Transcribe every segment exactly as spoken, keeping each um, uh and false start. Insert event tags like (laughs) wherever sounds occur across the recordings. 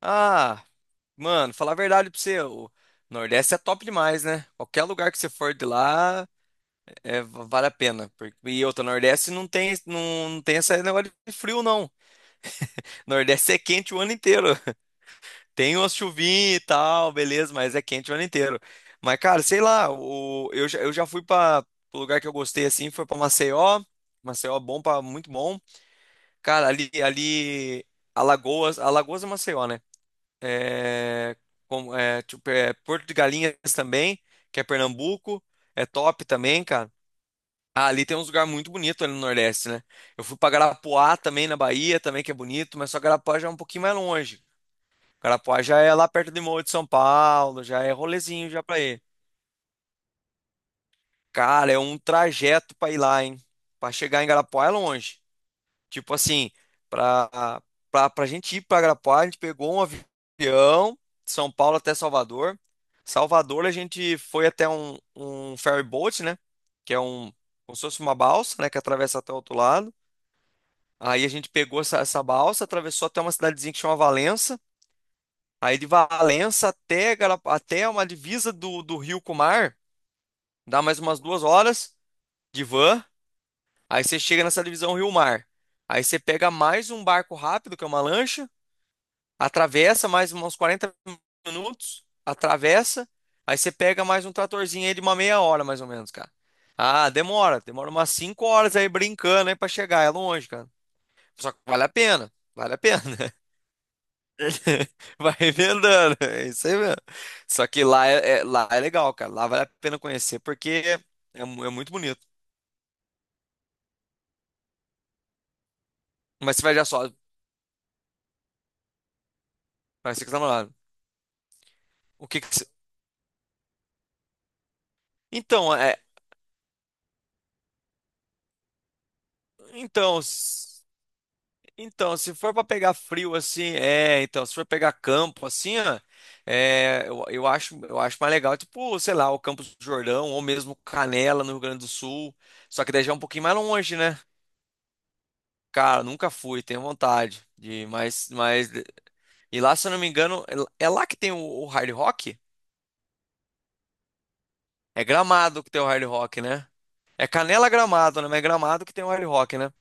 Ah, mano, falar a verdade pra você, o Nordeste é top demais, né? Qualquer lugar que você for de lá, é, vale a pena. Porque- E outra, Nordeste não tem, não, não tem esse negócio de frio, não. Nordeste é quente o ano inteiro. (laughs) Tem umas chuvinhas e tal, beleza, mas é quente o ano inteiro. Mas, cara, sei lá, o, eu, já- eu já fui pra o lugar que eu gostei, assim, foi pra Maceió. Maceió é bom, pra, muito bom. Cara, ali, ali, Alagoas, Alagoas é Maceió, né? é, com- é, tipo, é, Porto de Galinhas também, que é Pernambuco, é top também, cara. Ah, ali tem uns lugares muito bonitos ali no Nordeste, né? Eu fui pra Garapuá também, na Bahia, também que é bonito, mas só Garapuá já é um pouquinho mais longe. Garapuá já é lá perto de Mogi de São Paulo, já é rolezinho já pra ir. Cara, é um trajeto pra ir lá, hein? Pra chegar em Garapuá é longe. Tipo assim, pra, pra, pra gente ir pra Arapuá, a gente pegou um avião, de São Paulo até Salvador. Salvador, a gente foi até um, um ferry boat, né? Que é um, como se fosse uma balsa, né? Que atravessa até o outro lado. Aí a gente pegou essa, essa balsa, atravessou até uma cidadezinha que chama Valença. Aí de Valença até, Gara- até uma divisa do, do rio com o mar, dá mais umas duas horas de van. Aí você chega nessa divisão rio-mar. Aí você pega mais um barco rápido, que é uma lancha. Atravessa mais um, uns quarenta minutos, atravessa, aí você pega mais um tratorzinho aí de uma meia hora, mais ou menos, cara. Ah, demora, demora umas cinco horas aí brincando aí pra chegar, é longe, cara. Só que vale a pena, vale a pena. (laughs) Vai emendando, é isso aí mesmo. Só que lá é, é- lá é legal, cara, lá vale a pena conhecer, porque é, mu- é muito bonito. Mas você vai já só, vai ser que tá namorado. O que que você... Então, é, então. Então, se for para pegar frio assim, é, então, se for pegar campo assim, ó, é, eu, eu acho, eu acho mais legal, tipo, sei lá, o Campos do Jordão ou mesmo Canela no Rio Grande do Sul, só que daí já é um pouquinho mais longe, né? Cara, nunca fui, tenho vontade de, mas, mas e lá, se eu não me engano, é lá é lá que tem o, o Hard Rock? É Gramado que tem o Hard Rock, né? É Canela Gramado, né? Mas é Gramado que tem o Hard Rock, né?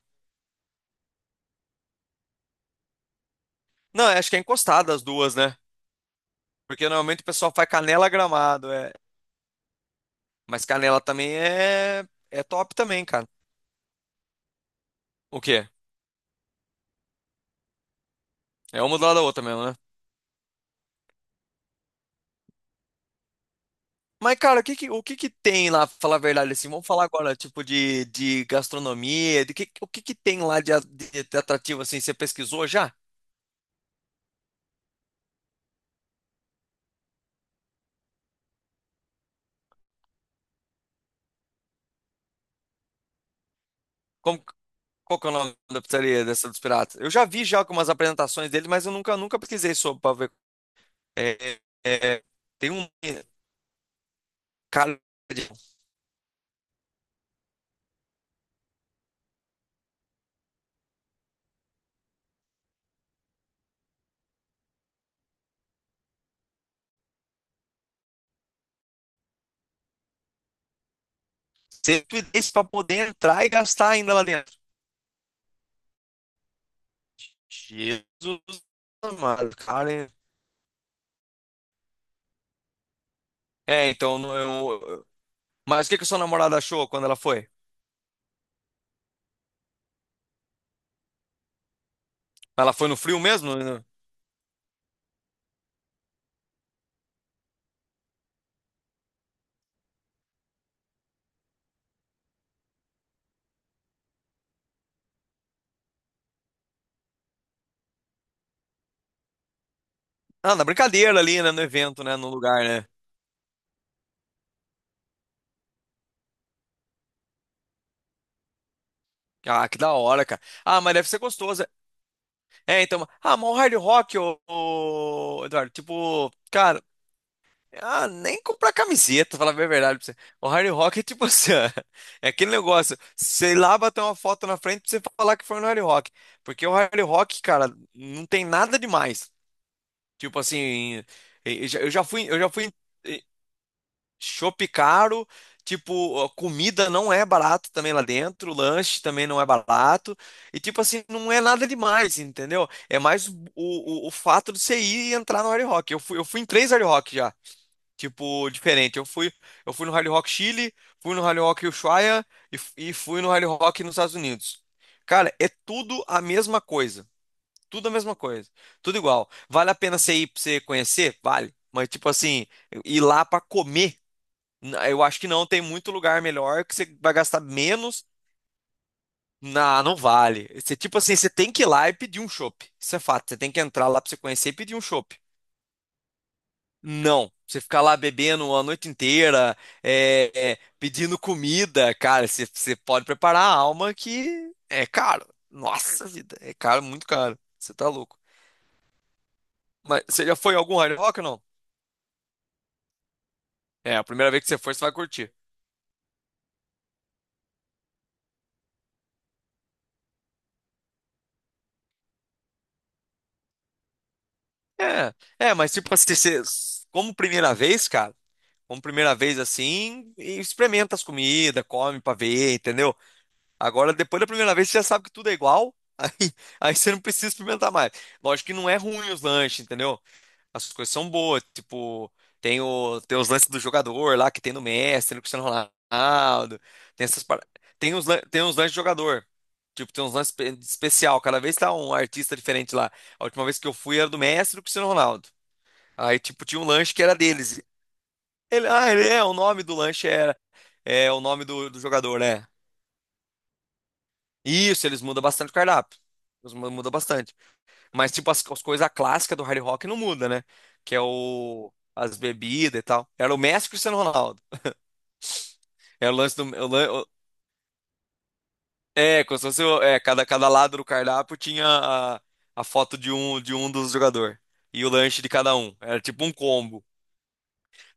Não, acho que é encostado as duas, né? Porque normalmente o pessoal faz Canela Gramado, é. Mas Canela também é, é top também, cara. O quê? É uma do lado da outra mesmo, né? Mas, cara, o que que, o que que tem lá, pra falar a verdade, assim? Vamos falar agora, tipo, de, de gastronomia, de que, o que que tem lá de, a- de, de atrativo, assim? Você pesquisou já? Como, qual que é o nome da pizzaria dessa dos piratas? Eu já vi já algumas apresentações dele, mas eu nunca, nunca pesquisei sobre pra ver é, é, é, tem um cara de cento e dez para poder entrar e gastar ainda lá dentro. Jesus amado, cara. É, então, não- eu... Mas o que que sua namorada achou quando ela foi? Ela foi no frio mesmo? No... Ah, na brincadeira ali, né, no evento, né, no lugar, né? Ah, que da hora, cara. Ah, mas deve ser gostoso. É, então, ah, mas o Hard Rock, ô, ô, Eduardo, tipo, cara. Ah, nem comprar camiseta, falar bem a verdade pra você. O Hard Rock é tipo assim, ó, (laughs) é aquele negócio, sei lá, bater uma foto na frente pra você falar que foi no Hard Rock. Porque o Hard Rock, cara, não tem nada demais. Tipo assim, eu já eu já fui, eu já fui em shopping caro, tipo, a comida não é barato também lá dentro, o lanche também não é barato. E tipo assim, não é nada demais, entendeu? É mais o, o, o fato de você ir e entrar no Hard Rock. Eu fui, eu fui em três Hard Rock tipo, diferente. Eu fui, eu fui no Rally Rock Chile, fui no Rally Rock Ushuaia e, f- e fui no Rally Rock nos Estados Unidos. Cara, é tudo a mesma coisa. Tudo a mesma coisa. Tudo igual. Vale a pena você ir pra você conhecer? Vale. Mas, tipo assim, ir lá pra comer, n- eu acho que não. Tem muito lugar melhor que você vai gastar menos. Não, não vale. Você, tipo assim, você tem que ir lá e pedir um chopp. Isso é fato. Você tem que entrar lá pra você conhecer e pedir um chopp. Não. Você ficar lá bebendo a noite inteira, é, é, pedindo comida, cara, você, você pode preparar a alma que é caro. Nossa vida, é caro, muito caro. Você tá louco. Mas você já foi em algum Hard Rock ou não? É, a primeira vez que você for, você vai curtir. É, é, mas tipo assim, você, como primeira vez, cara, como primeira vez assim, e experimenta as comidas, come pra ver, entendeu? Agora, depois da primeira vez, você já sabe que tudo é igual, (laughs) aí, aí você não precisa experimentar mais. Lógico que não é ruim os lanches, entendeu? As coisas são boas, tipo, tem, o, tem os lances do jogador lá que tem no Messi, no Cristiano Ronaldo, tem essas par. Tem uns, lan- tem uns lances de jogador. Tipo, tem uns lances espe- especial, cada vez tá um artista diferente lá. A última vez que eu fui era do Messi e do Cristiano Ronaldo. Aí, tipo, tinha um lanche que era deles. Ele, ah, ele é, O nome do lanche era é o nome do, do jogador, né? Isso, eles mudam bastante o cardápio. Eles mu- mudam bastante. Mas, tipo, as, as coisas clássicas do Hard Rock não muda, né? Que é o... As bebidas e tal. Era o Messi e o Cristiano Ronaldo. É o lance do. É o lan- o- é, como se fosse. o- É, cada, cada lado do cardápio tinha a, a foto de um, de um dos jogadores. E o lanche de cada um. Era tipo um combo.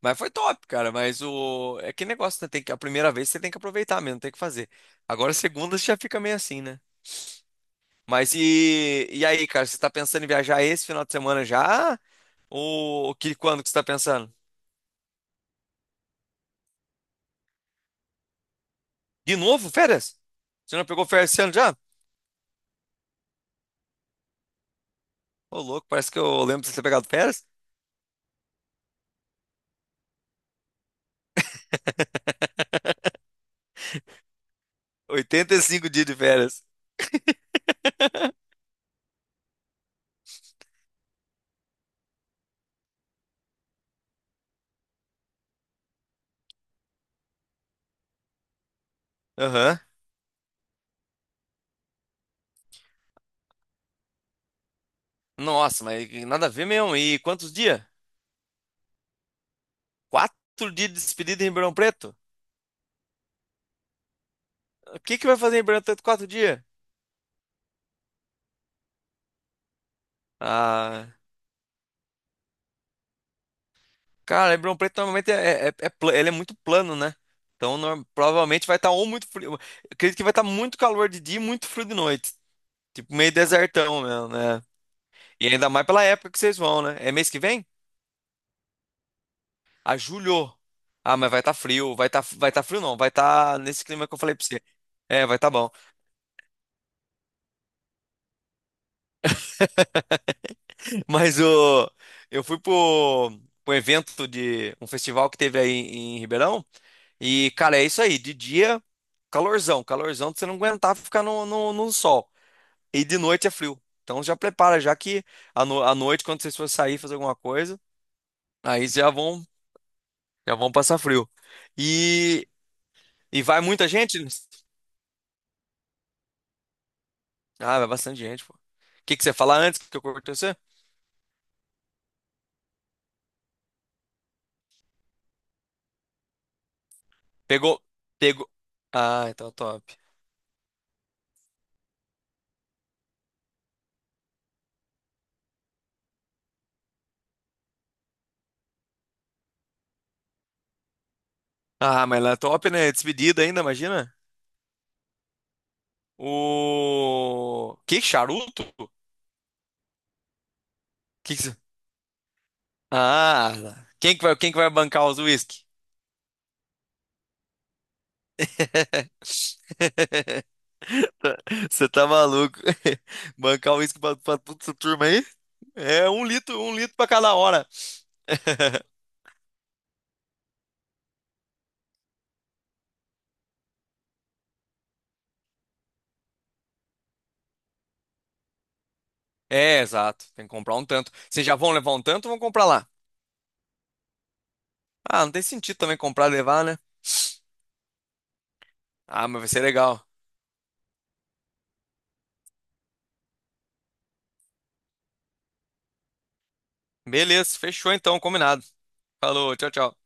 Mas foi top, cara. Mas o. É que negócio, né? Tem que, a primeira vez você tem que aproveitar mesmo, tem que fazer. Agora, a segunda você já fica meio assim, né? Mas e. E aí, cara? Você tá pensando em viajar esse final de semana já? Ou que, quando que você tá pensando? De novo, férias? Você não pegou férias esse ano já? Ô, louco, parece que eu lembro de você ter pegado férias. Oitenta e cinco dias de férias. Aham. Nossa, mas nada a ver mesmo. E quantos dias? Quatro dias de despedida em Ribeirão Preto? O que que vai fazer em Ribeirão Preto quatro dias? Ah, cara, Ribeirão Preto normalmente é, é, é pla- ele é muito plano, né? Então norm- provavelmente vai estar ou muito frio. Eu acredito que vai estar muito calor de dia e muito frio de noite. Tipo, meio desertão mesmo, né? E ainda mais pela época que vocês vão, né? É mês que vem? A julho. Ah, mas vai estar frio. Vai estar vai tá frio, não. Vai estar nesse clima que eu falei pra você. É, vai estar bom. (laughs) Mas o, eu fui pro, pro evento de um festival que teve aí em Ribeirão. E, cara, é isso aí. De dia, calorzão. Calorzão de você não aguentar ficar no, no, no sol. E de noite é frio. Então já prepara, já que à no- à noite, quando vocês forem sair fazer alguma coisa, aí já vão, já vão passar frio. E, e vai muita gente? Ah, vai bastante gente, pô. O que que você ia falar antes que eu cortei você? Pegou, pegou. Ah, então é top. Ah, mas lá é top, né? Despedida ainda, imagina. O que charuto? Que que... você... Ah, quem que vai, quem que vai bancar os whisky? (laughs) Você tá maluco? (laughs) Bancar o uísque pra, pra toda essa turma aí? É um litro, um litro pra cada hora. (laughs) É, exato. Tem que comprar um tanto. Vocês já vão levar um tanto ou vão comprar lá? Ah, não tem sentido também comprar e levar, né? Ah, mas vai ser legal. Beleza, fechou então, combinado. Falou, tchau, tchau.